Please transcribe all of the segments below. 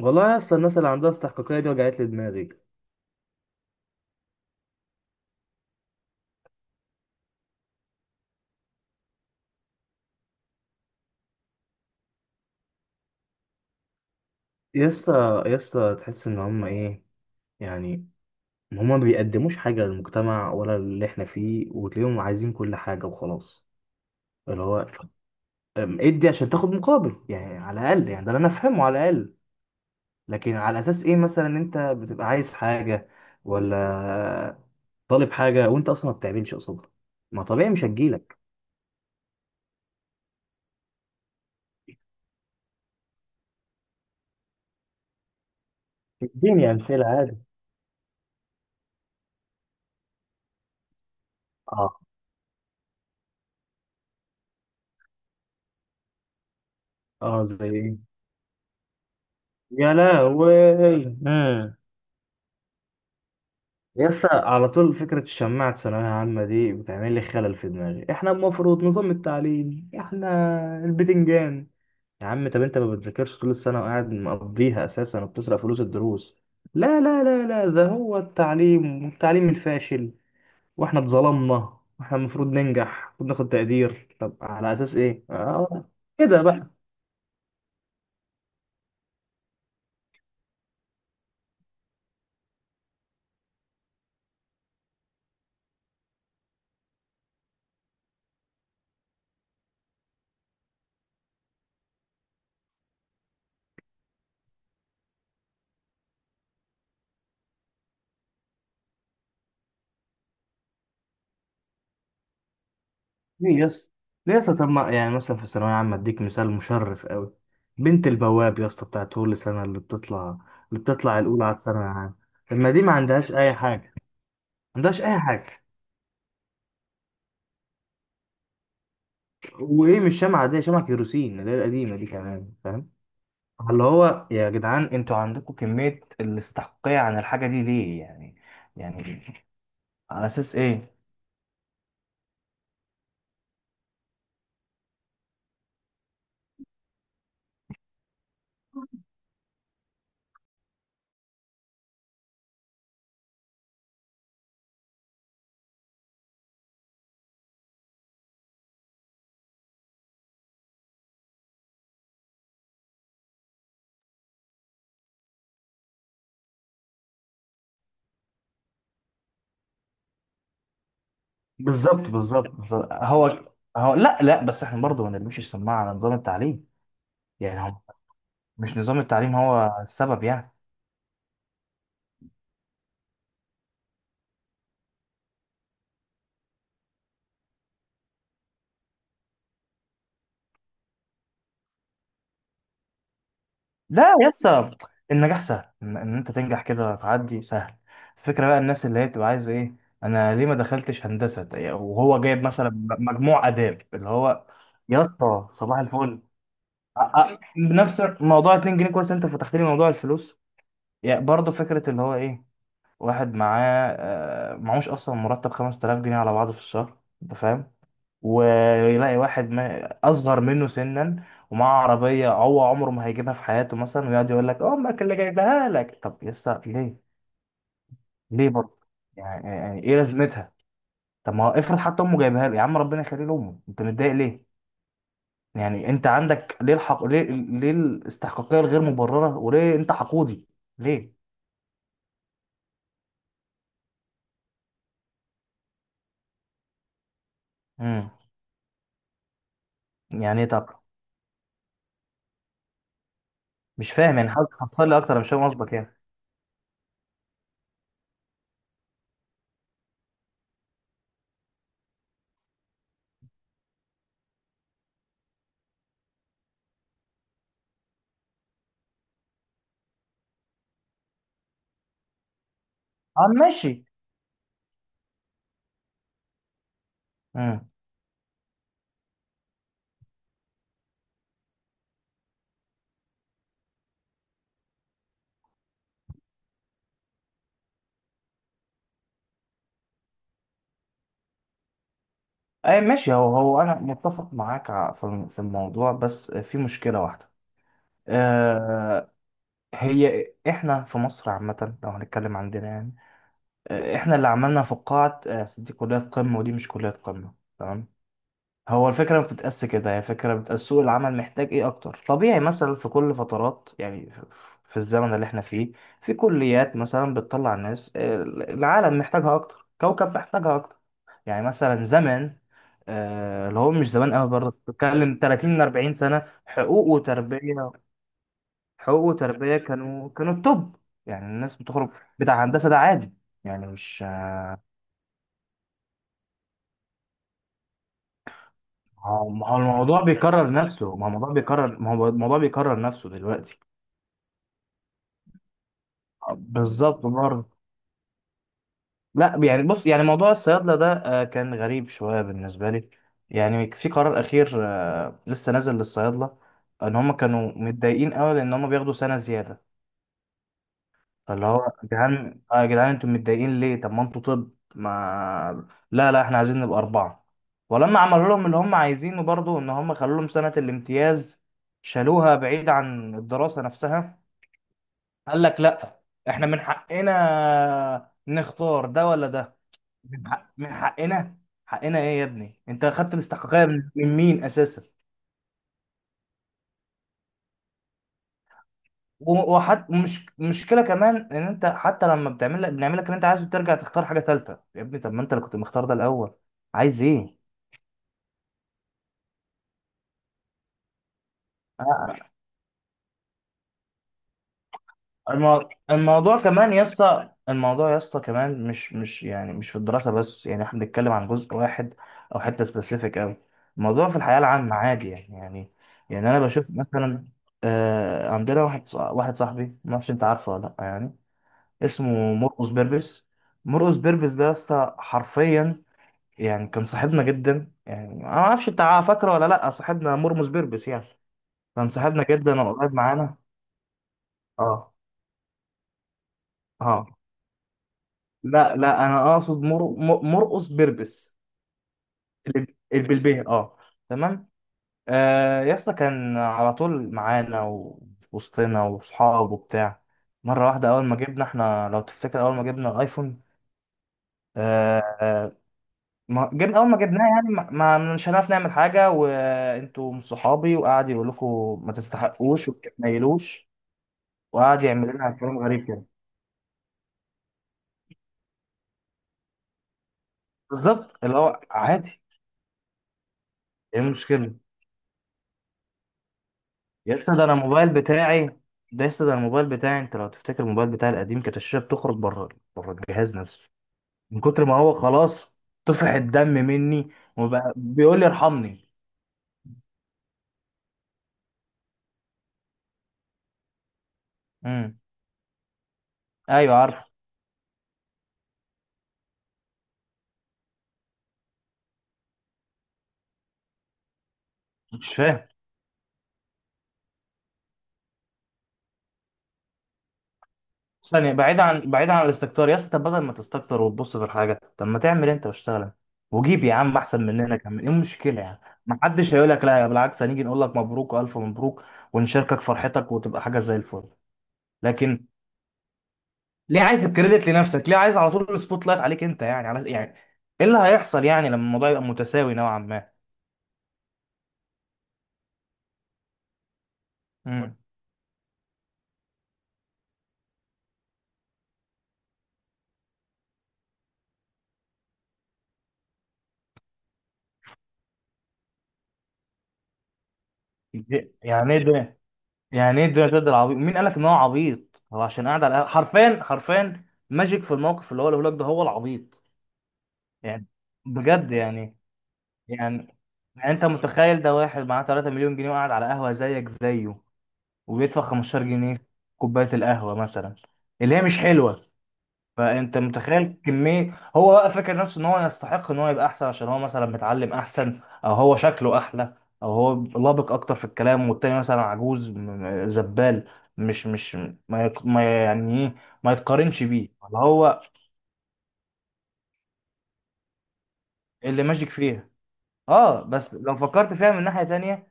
والله يا اسطى، الناس اللي عندها استحقاقية دي وجعت لي دماغي. يا اسطى تحس ان هم ايه؟ يعني هم ما بيقدموش حاجة للمجتمع ولا اللي احنا فيه، وتلاقيهم عايزين كل حاجة وخلاص. اللي هو ادي عشان تاخد مقابل، يعني على الأقل، يعني ده اللي انا افهمه على الأقل. لكن على اساس ايه مثلا إن انت بتبقى عايز حاجة، ولا طالب حاجة وانت اصلا ما بتعملش قصادها؟ ما طبيعي مش هتجيلك. اديني امثلة عادي. اه اه، زي ايه؟ يا لهوي. يس، على طول. فكرة الشماعة ثانوية عامة دي بتعمل لي خلل في دماغي، احنا المفروض نظام التعليم احنا البتنجان. يا عم، طب انت ما بتذاكرش طول السنة، وقاعد مقضيها اساسا، وبتسرق فلوس الدروس؟ لا لا لا لا، ده هو التعليم، والتعليم الفاشل. واحنا اتظلمنا، واحنا المفروض ننجح وناخد تقدير. طب على اساس ايه؟ اه. كده بقى. ليه يا اسطى؟ ليه يا اسطى؟ طب ما يعني مثلا في الثانوية عامة اديك مثال مشرف قوي: بنت البواب يا اسطى، بتاعت كل سنة اللي بتطلع، اللي بتطلع الأولى على الثانوية العامة، لما دي ما عندهاش أي حاجة، ما عندهاش أي حاجة. وإيه، مش شمعة، دي شمعة كيروسين اللي هي القديمة دي كمان، فاهم؟ اللي هو يا جدعان، انتوا عندكم كمية الاستحقاقية عن الحاجة دي ليه؟ يعني على أساس إيه؟ بالظبط بالظبط بالظبط. هو لا لا، بس احنا برضه ما نرميش السماعة على نظام التعليم. يعني مش نظام التعليم هو السبب يعني. لا يا اسطى، النجاح سهل، إن انت تنجح كده تعدي سهل. الفكره بقى الناس اللي هي بتبقى عايزه ايه؟ انا ليه ما دخلتش هندسه وهو جايب مثلا مجموع اداب اللي هو، يا اسطى صباح الفل، أ- أ- بنفس موضوع 2 جنيه؟ كويس، انت فتحت لي موضوع الفلوس. يعني برضه فكره اللي هو ايه: واحد معاه، معهوش اصلا مرتب 5000 جنيه على بعضه في الشهر، انت فاهم؟ ويلاقي واحد ما اصغر منه سنا، ومعاه عربيه هو عمره ما هيجيبها في حياته مثلا، ويقعد يقول لك امك اللي جايبها لك. طب يسا ليه؟ ليه برضه؟ يعني ايه لازمتها؟ طب ما هو افرض حتى امه جايبها له، يا عم ربنا يخليه لامه، انت متضايق ليه؟ يعني انت عندك ليه الحق؟ ليه؟ ليه الاستحقاقيه الغير مبرره، وليه انت حقودي؟ ليه؟ امم. يعني إيه طب؟ مش فاهم، يعني حاول تفصل لي اكتر، أنا مش فاهم قصدك يعني. اه ماشي. اي ماشي، هو انا متفق معاك في في الموضوع، بس في مشكله واحده. آه. هي احنا في مصر عامه لو هنتكلم عندنا يعني، احنا اللي عملنا فقاعه، دي كليات قمه ودي مش كليات قمه، تمام. هو الفكرة ما بتتقاس كده، هي فكرة بتقاس سوق العمل محتاج ايه اكتر. طبيعي مثلا في كل فترات، يعني في الزمن اللي احنا فيه، في كليات مثلا بتطلع ناس العالم محتاجها اكتر، كوكب محتاجها اكتر. يعني مثلا زمان، اللي هو مش زمان قوي برضه، بتتكلم 30 40 سنة. حقوق وتربية، حقوق وتربية كانوا التوب. يعني الناس بتخرج بتاع هندسة ده عادي، يعني مش ما... هو ما هو الموضوع بيكرر نفسه، ما هو الموضوع بيكرر، ما هو الموضوع بيكرر نفسه دلوقتي. بالظبط برضه. لا، يعني بص، يعني موضوع الصيادلة ده كان غريب شوية بالنسبة لي. يعني في قرار أخير لسه نازل للصيادلة، إن هم كانوا متضايقين قوي لأن هم بياخدوا سنة زيادة. فاللي هو يا جدعان، آه يا جدعان، أنتوا متضايقين ليه؟ طب ما أنتوا، طب ما، لا لا، إحنا عايزين نبقى أربعة. ولما عملوا لهم اللي هم عايزينه برضه، إن هم خلوا لهم سنة الامتياز، شالوها بعيد عن الدراسة نفسها. قال لك لا، إحنا من حقنا نختار ده ولا ده. من حقنا، حقنا ايه يا ابني؟ انت اخدت الاستحقاقيه من مين اساسا؟ وحتى مش مشكله كمان ان انت، حتى لما بتعمل لك، بنعمل لك اللي انت عايزه، ترجع تختار حاجه ثالثه. يا ابني، طب ما انت اللي كنت مختار ده الاول. عايز ايه؟ آه، الموضوع كمان يا اسطى، الموضوع يا اسطى كمان، مش يعني مش في الدراسه بس، يعني احنا بنتكلم عن جزء واحد او حته سبيسيفيك قوي. الموضوع في الحياه العامه عادي يعني، يعني انا بشوف مثلا، عندنا واحد واحد صاحبي، ما اعرفش انت عارفه ولا لا يعني، اسمه مرقس بيربس. مرقس بيربس ده يا اسطى حرفيا، يعني كان صاحبنا جدا، يعني انا ما اعرفش انت فاكره ولا لا، صاحبنا مرمس بيربس يعني. كان صاحبنا جدا وقريب معانا. اه. اه. لا لا، انا اقصد مرقس بيربس. البلبيه، اه. تمام. آه يا اسطى، كان على طول معانا وفي وسطنا واصحابه وبتاع. مره واحده، اول ما جبنا احنا، لو تفتكر اول ما جبنا الايفون، آه، آه، ما جبنا، اول ما جبناه، يعني مش هنعرف نعمل حاجه، وانتوا مش صحابي، وقعد يقول لكم ما تستحقوش وما تتنيلوش، وقعد يعمل لنا كلام غريب كده. بالظبط، اللي هو عادي. ايه المشكله؟ يا اسطى ده انا الموبايل بتاعي، ده يا اسطى ده الموبايل بتاعي، انت لو تفتكر الموبايل بتاعي القديم كانت الشاشه بتخرج بره، بره الجهاز نفسه، من كتر ما هو خلاص، طفح الدم مني، وبقى بيقول لي ارحمني. امم. ايوه عارف. مش فاهم. ثانية، بعيد عن الاستكتار يا اسطى، طب بدل ما تستكتر وتبص في الحاجة، طب ما تعمل انت واشتغل انت، وجيب يا عم احسن مننا كمان، ايه المشكلة يعني؟ ما حدش هيقول لك لا، يا بالعكس، هنيجي نقول لك مبروك والف مبروك، ونشاركك فرحتك، وتبقى حاجة زي الفل. لكن ليه عايز الكريدت لنفسك؟ ليه عايز على طول السبوت لايت عليك انت؟ يعني على، يعني ايه اللي هيحصل يعني لما الموضوع يبقى متساوي نوعا ما؟ امم. يعني ايه ده؟ يعني ايه الدنيا تقدر عبيط؟ مين قالك ان هو عبيط؟ هو عشان قاعد على حرفيا، حرفيا ماجيك في الموقف اللي هو اللي لك، ده هو العبيط. يعني بجد يعني. يعني يعني انت متخيل ده واحد معاه 3 مليون جنيه، وقاعد على قهوة زيك زيه، وبيدفع 15 جنيه في كوباية القهوة مثلا اللي هي مش حلوة. فانت متخيل كمية هو بقى فاكر نفسه ان هو يستحق ان هو يبقى احسن؟ عشان هو مثلا متعلم احسن، او هو شكله احلى، او هو لابق اكتر في الكلام، والتاني مثلا عجوز، زبال، مش ما ما يعني ايه، ما يتقارنش بيه، اللي هو اللي ماجيك فيها. اه بس لو فكرت فيها من ناحية تانية،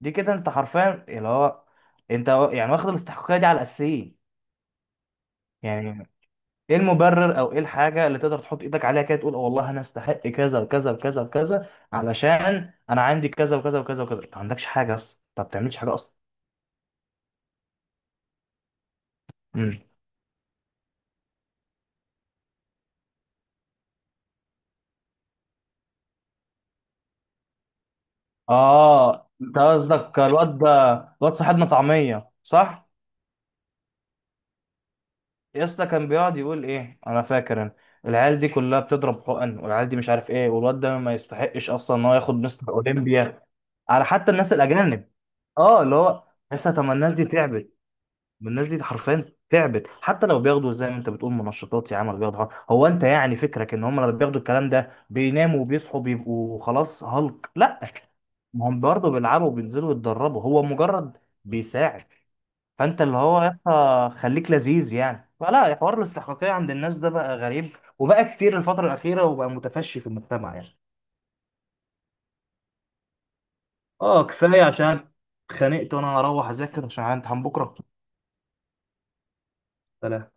دي كده انت حرفيا اللي هو، انت يعني واخد الاستحقاقيه دي على الاساسيين. يعني ايه المبرر؟ او ايه الحاجه اللي تقدر تحط ايدك عليها كده تقول والله انا استحق كذا وكذا وكذا وكذا، علشان انا عندي كذا وكذا وكذا وكذا؟ انت ما عندكش حاجه اصلا، انت ما بتعملش حاجه اصلا. امم. اه انت قصدك الواد ده، الواد صاحبنا طعميه، صح؟ يا اسطى كان بيقعد يقول ايه، انا فاكر، انا العيال دي كلها بتضرب حقن، والعيال دي مش عارف ايه، والواد ده ما يستحقش اصلا ان هو ياخد مستر اولمبيا على حتى الناس الاجانب. اه، اللي هو، لسه، طب ما الناس دي تعبت، ما الناس دي حرفيا تعبت، حتى لو بياخدوا زي ما انت بتقول منشطات يا عم، ولا بياخدوا حاجة. هو انت يعني فكرك ان هم لما بياخدوا الكلام ده بيناموا وبيصحوا بيبقوا خلاص هالك؟ لا، ما هم برضه بيلعبوا وبينزلوا يتدربوا، هو مجرد بيساعد. فانت اللي هو يا اسطى خليك لذيذ يعني، فلا، حوار الاستحقاقية عند الناس ده بقى غريب، وبقى كتير الفترة الأخيرة، وبقى متفشي في المجتمع يعني. اه كفاية، عشان اتخانقت، وانا هروح اذاكر عشان عندي امتحان بكرة. سلام.